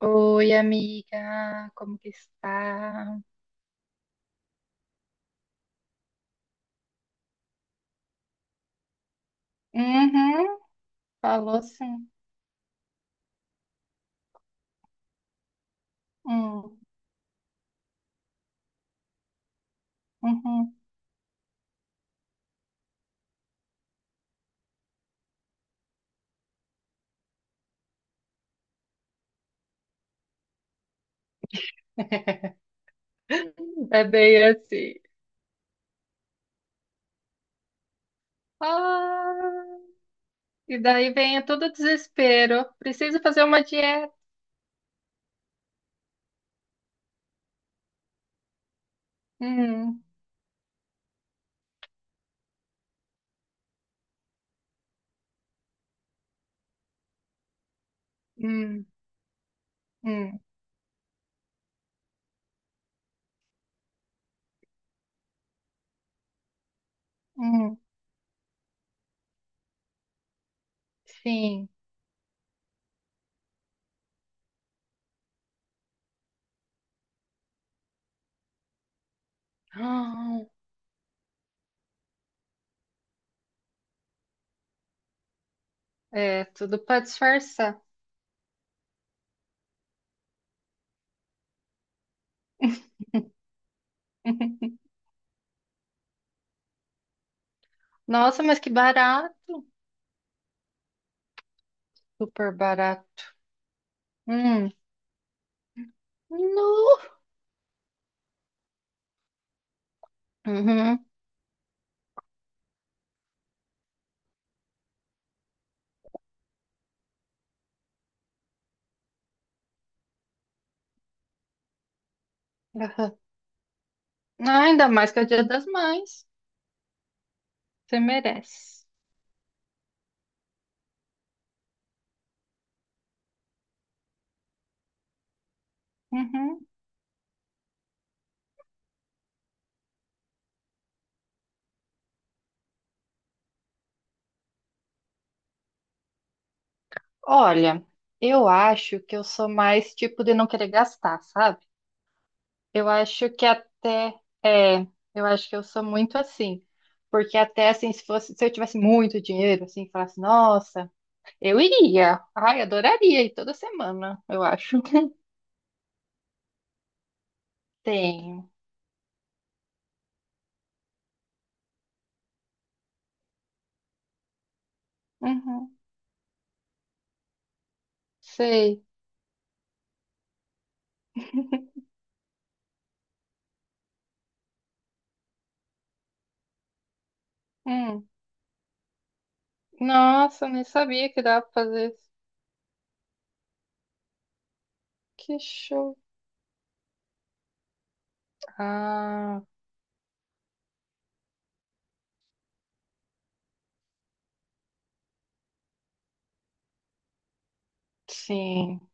Oi, amiga, como que está? Uhum, falou sim. Hum, uhum. É bem assim. Ah, e daí vem todo o desespero. Preciso fazer uma dieta. Hum, hum, hum, hum. Sim. Ah, é, tudo para disfarçar. Nossa, mas que barato. Super barato. Hum. No. Uhum. Aham. Ah, ainda mais que é o Dia das Mães. Você merece. Uhum. Olha, eu acho que eu sou mais tipo de não querer gastar, sabe? Eu acho que até é, eu acho que eu sou muito assim. Porque até assim, se eu tivesse muito dinheiro, assim, falasse, nossa, eu iria. Ai, adoraria ir toda semana, eu acho. Tenho. Uhum. Sei. Hum. Nossa, nem sabia que dava pra fazer isso. Que show. Ah, sim.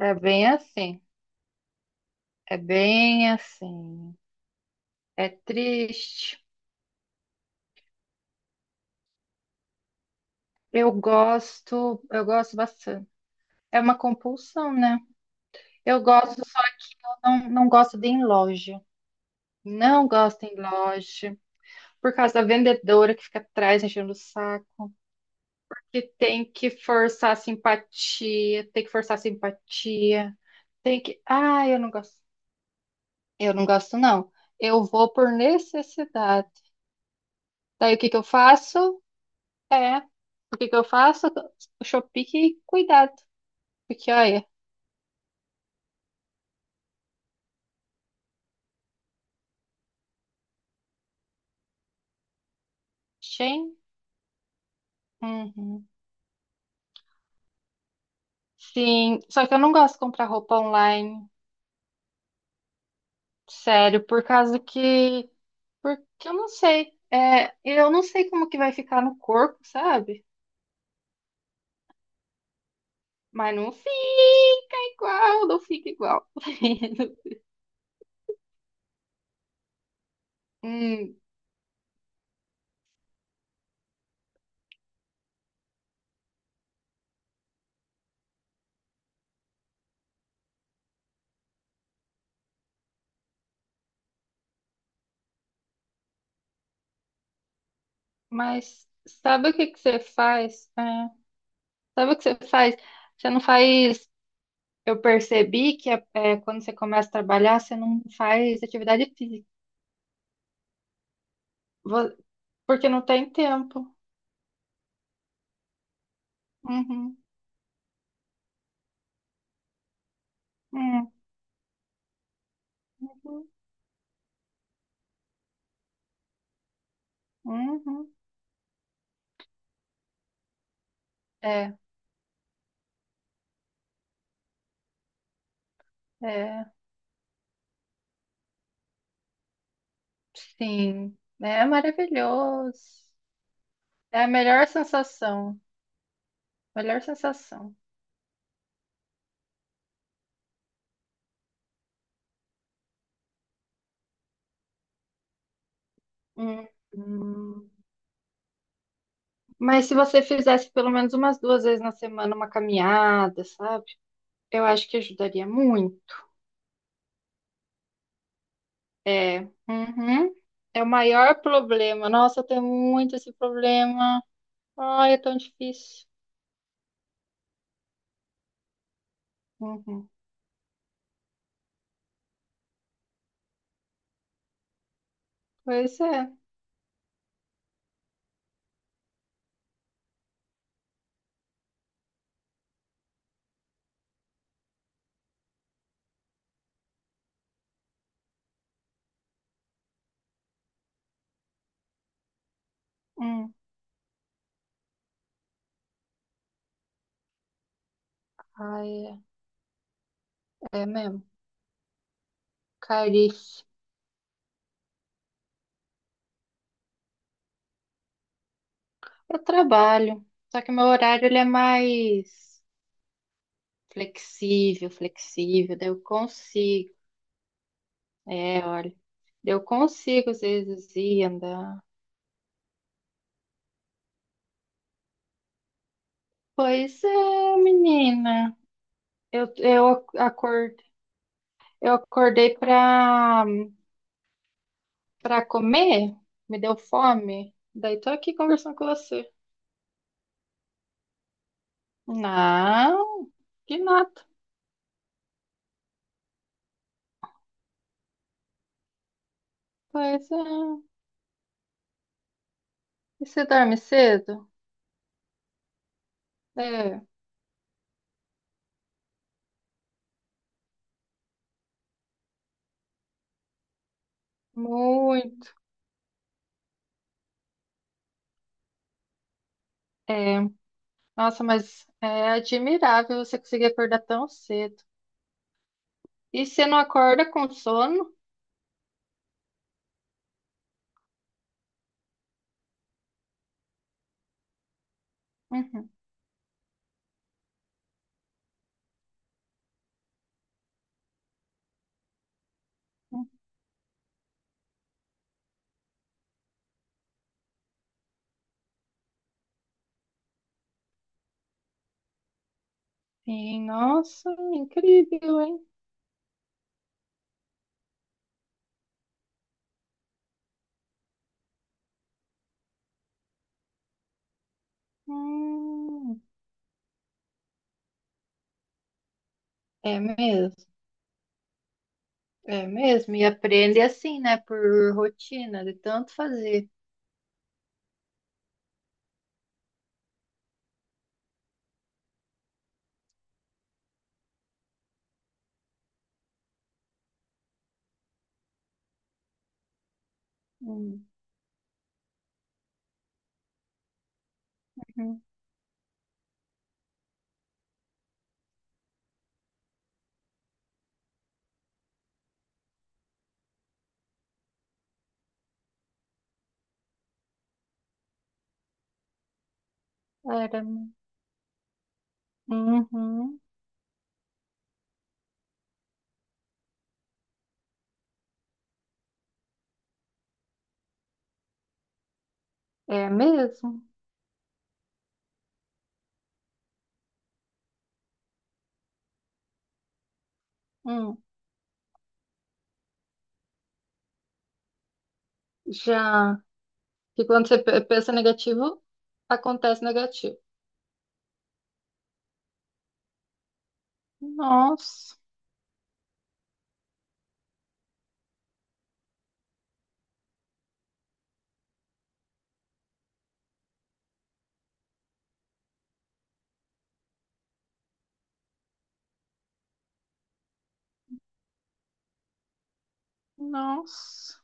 É bem assim. É bem assim. É triste. Eu gosto bastante. É uma compulsão, né? Eu gosto, só não gosto de ir em loja. Não gosto em loja. Por causa da vendedora que fica atrás enchendo o saco. Que tem que forçar a simpatia. Tem que forçar a simpatia. Tem que. Ah, eu não gosto. Eu não gosto, não. Eu vou por necessidade. Daí o que que eu faço? É. O que que eu faço? O Shopee, que cuidado. Porque, olha, Shein? Uhum. Sim, só que eu não gosto de comprar roupa online, sério, porque eu não sei, é, eu não sei como que vai ficar no corpo, sabe? Mas não fica igual, não fica igual. Hum, mas sabe o que que você faz? Sabe o que você faz? Você não faz. Eu percebi que quando você começa a trabalhar, você não faz atividade física, vo- porque não tem tempo. Uhum. É, uhum, uhum. É, é, sim. É maravilhoso. É a melhor sensação. Melhor sensação. Hum, hum. Mas se você fizesse pelo menos umas duas vezes na semana uma caminhada, sabe? Eu acho que ajudaria muito. É, uhum. É o maior problema. Nossa, eu tenho muito esse problema. Ai, é tão difícil. Uhum. Pois é. Hum. Ai, é, é mesmo. Caríssimo. Eu trabalho, só que meu horário ele é mais flexível, flexível, daí eu consigo. É, olha, eu consigo às vezes ir andar. Pois é, menina. Eu acordei, eu acordei pra comer, me deu fome. Daí tô aqui conversando com você. Não, que nada. Pois é. E você dorme cedo? É, muito. É. Nossa, mas é admirável você conseguir acordar tão cedo. E você não acorda com sono? Uhum. Sim, nossa, incrível, hein? Hum, é mesmo, é mesmo. E aprende assim, né? Por rotina, de tanto fazer. Uhum. Era. Uhum. É mesmo. Hum. Já que quando você pensa negativo, acontece negativo. Nossa, nossa.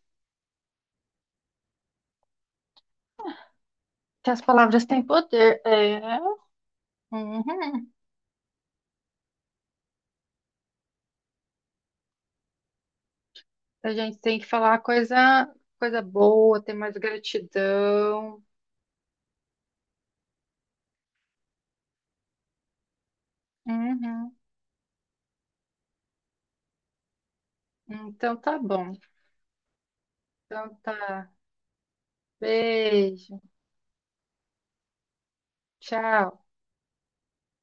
Que as palavras têm poder. É. Uhum. A gente tem que falar coisa boa, ter mais gratidão. Uhum. Então tá bom. Então tá. Beijo. Tchau.